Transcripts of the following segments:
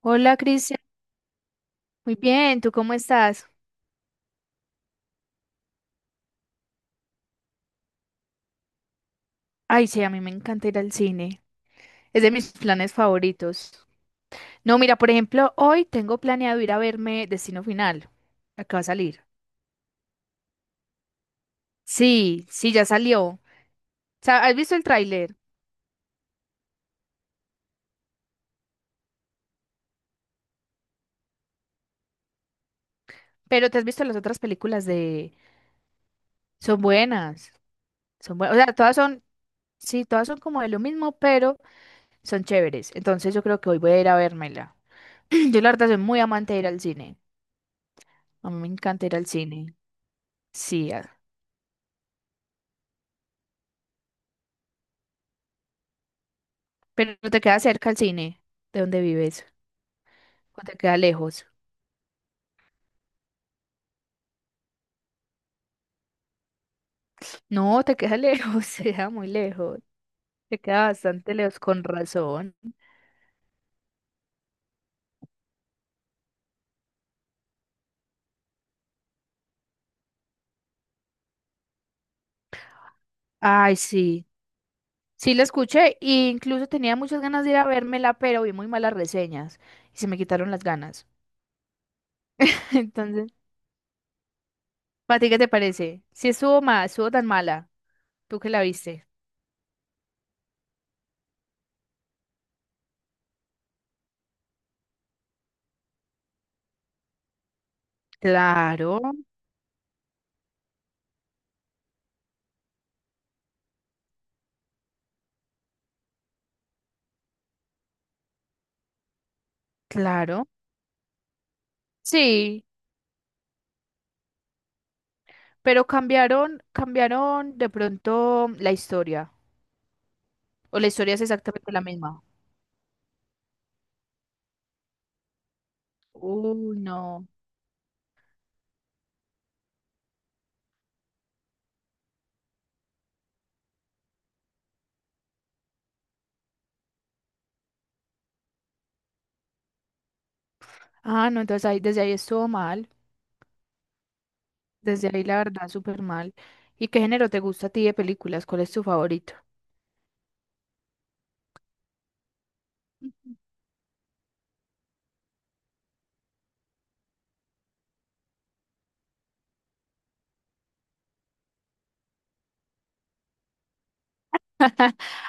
Hola, Cristian, muy bien, ¿tú cómo estás? Ay, sí, a mí me encanta ir al cine, es de mis planes favoritos. No, mira, por ejemplo, hoy tengo planeado ir a verme Destino Final. ¿Acaba de salir? Sí, sí, ya salió. O sea, has visto el tráiler, pero te has visto las otras películas de... Son buenas, son buenas, o sea, todas son, sí, todas son como de lo mismo, pero son chéveres. Entonces yo creo que hoy voy a ir a vérmela. Yo la verdad soy muy amante de ir al cine, a mí me encanta ir al cine. Sí, pero te queda cerca el cine de donde vives. ¿O te queda lejos? No, te queda lejos, te queda muy lejos. Te queda bastante lejos, con razón. Ay, sí. Sí, la escuché e incluso tenía muchas ganas de ir a vérmela, pero vi muy malas reseñas y se me quitaron las ganas. Entonces, ¿para ti qué te parece? Si estuvo mal, estuvo tan mala, tú que la viste. Claro, claro. Sí, pero cambiaron de pronto la historia. O la historia es exactamente la misma. Uy, no. Ah, no, entonces ahí, desde ahí estuvo mal. Desde ahí, la verdad, súper mal. ¿Y qué género te gusta a ti de películas? ¿Cuál es tu favorito? Ujú.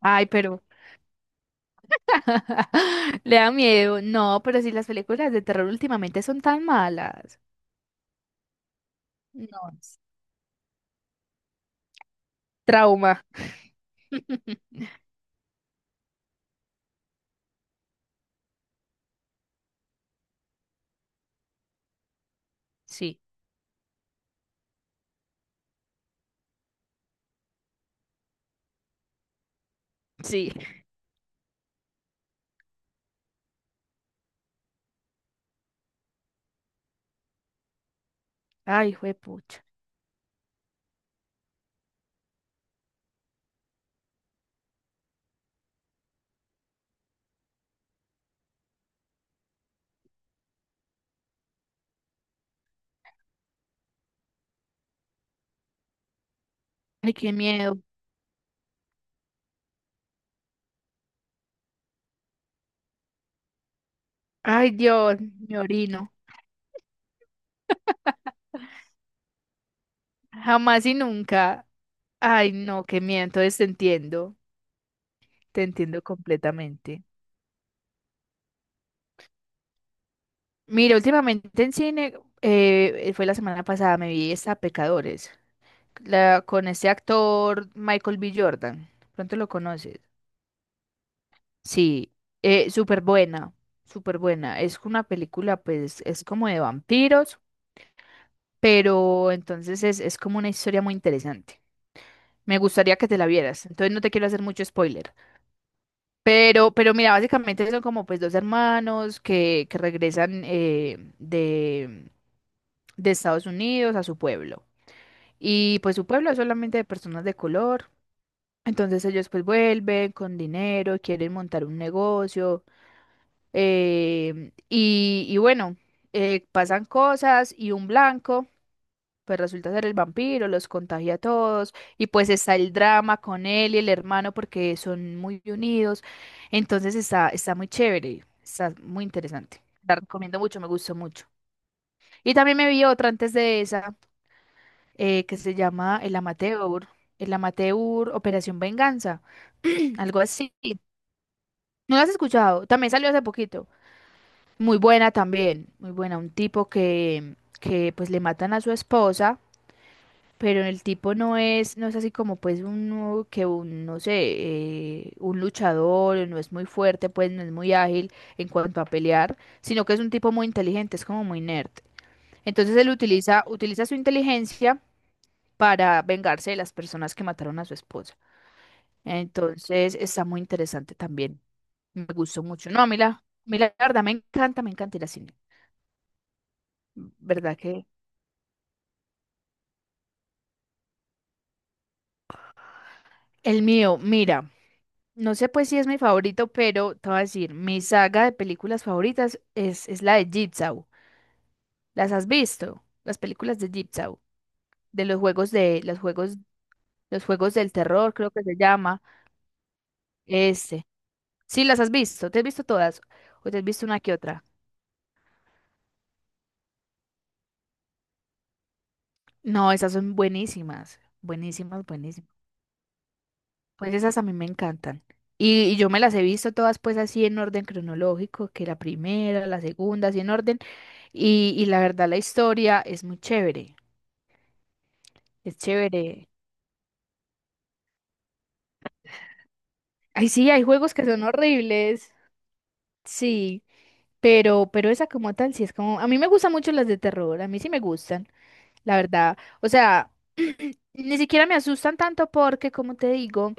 Ay, pero le da miedo. No, pero si las películas de terror últimamente son tan malas. No, es trauma. Sí, sí. Ay, juepucha. Ay, qué miedo. Ay, Dios, me orino. Jamás y nunca. Ay, no, qué miedo. Entonces te entiendo. Te entiendo completamente. Mira, últimamente en cine, fue la semana pasada, me vi esta Pecadores, la, con este actor Michael B. Jordan. Pronto lo conoces. Sí, súper buena, súper buena. Es una película, pues, es como de vampiros, pero entonces es como una historia muy interesante. Me gustaría que te la vieras, entonces no te quiero hacer mucho spoiler. Pero mira, básicamente son como pues dos hermanos que regresan de Estados Unidos a su pueblo. Y pues su pueblo es solamente de personas de color. Entonces ellos pues vuelven con dinero, quieren montar un negocio. Y, y bueno, pasan cosas y un blanco pues resulta ser el vampiro, los contagia a todos. Y pues está el drama con él y el hermano porque son muy unidos. Entonces está muy chévere, está muy interesante. La recomiendo mucho, me gustó mucho. Y también me vi otra antes de esa que se llama El Amateur, El Amateur Operación Venganza, algo así. ¿No lo has escuchado? También salió hace poquito. Muy buena también, muy buena. Un tipo que pues le matan a su esposa, pero el tipo no es, no es así como pues uno que un, no sé, un luchador, no es muy fuerte, pues no es muy ágil en cuanto a pelear, sino que es un tipo muy inteligente, es como muy nerd. Entonces él utiliza su inteligencia para vengarse de las personas que mataron a su esposa. Entonces está muy interesante también. Me gustó mucho. No, a mí la verdad me encanta ir al cine. ¿Verdad que? El mío, mira, no sé pues si es mi favorito, pero te voy a decir, mi saga de películas favoritas es la de Jigsaw. ¿Las has visto? Las películas de Jigsaw, de, los juegos del terror, creo que se llama. Este. Sí, las has visto, ¿te has visto todas? ¿O te has visto una que otra? No, esas son buenísimas, buenísimas, buenísimas. Pues esas a mí me encantan. Y yo me las he visto todas pues así en orden cronológico, que la primera, la segunda, así en orden. Y la verdad la historia es muy chévere, es chévere. Ay, sí, hay juegos que son horribles, sí, pero esa como tal, sí es como... A mí me gustan mucho las de terror, a mí sí me gustan, la verdad. O sea, ni siquiera me asustan tanto porque, como te digo,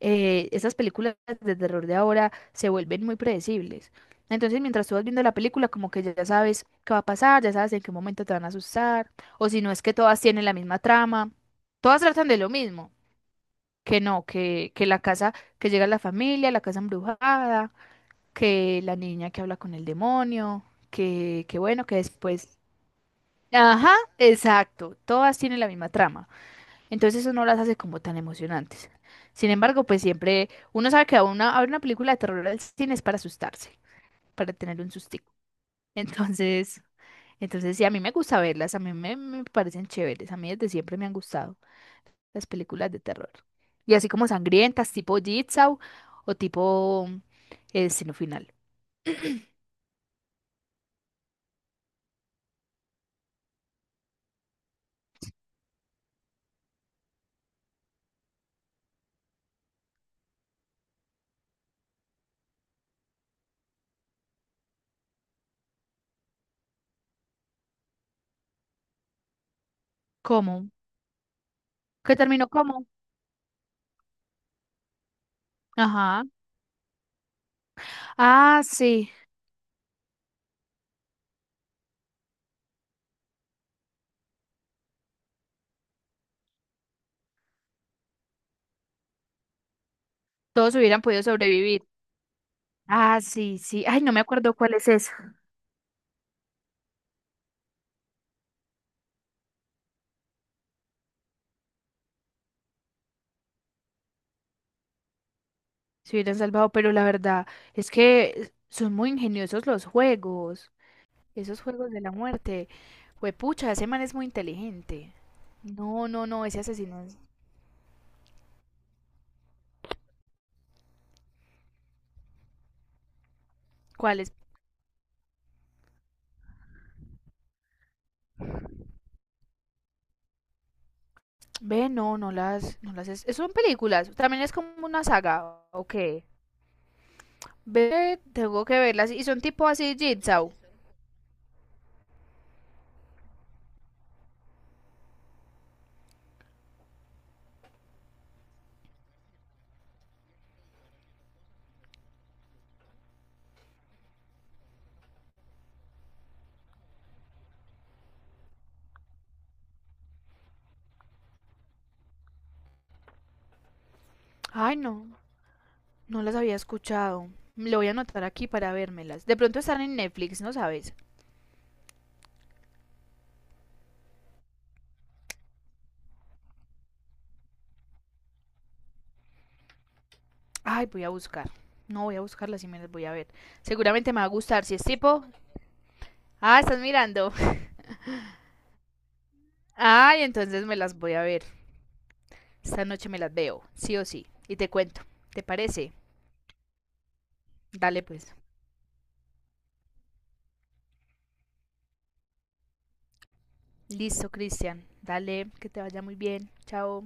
esas películas de terror de ahora se vuelven muy predecibles. Entonces, mientras tú vas viendo la película, como que ya sabes qué va a pasar, ya sabes en qué momento te van a asustar, o si no es que todas tienen la misma trama, todas tratan de lo mismo, que no, que la casa, que llega la familia, la casa embrujada, que la niña que habla con el demonio, que bueno, que después... Ajá, exacto, todas tienen la misma trama. Entonces eso no las hace como tan emocionantes. Sin embargo, pues siempre uno sabe que a una, a ver una película de terror al cine es para asustarse, para tener un sustico. Entonces, entonces sí, a mí me gusta verlas, a mí me parecen chéveres, a mí desde siempre me han gustado las películas de terror. Y así como sangrientas, tipo Jigsaw o tipo El Sino Final. ¿Cómo? ¿Qué terminó cómo? Ajá. Ah, sí. Todos hubieran podido sobrevivir. Ah, sí, sí. Ay, no me acuerdo cuál es esa. Se hubieran salvado, pero la verdad es que son muy ingeniosos los juegos, esos juegos de la muerte. Juepucha, ese man es muy inteligente. No, no, no, ese asesino es... ¿Cuál? Ve, no, no las, no las es... Son películas, también es como una saga, ¿o qué? Ve, tengo que verlas y son tipo así Jigsaw. Ay, no, no las había escuchado. Lo voy a anotar aquí para vérmelas. De pronto están en Netflix, ¿no sabes? Ay, voy a buscar. No, voy a buscarlas y me las voy a ver. Seguramente me va a gustar. Si es tipo. Ah, estás mirando. Ay, entonces me las voy a ver. Esta noche me las veo, sí o sí. Y te cuento. ¿Te parece? Dale pues. Listo, Cristian. Dale, que te vaya muy bien. Chao.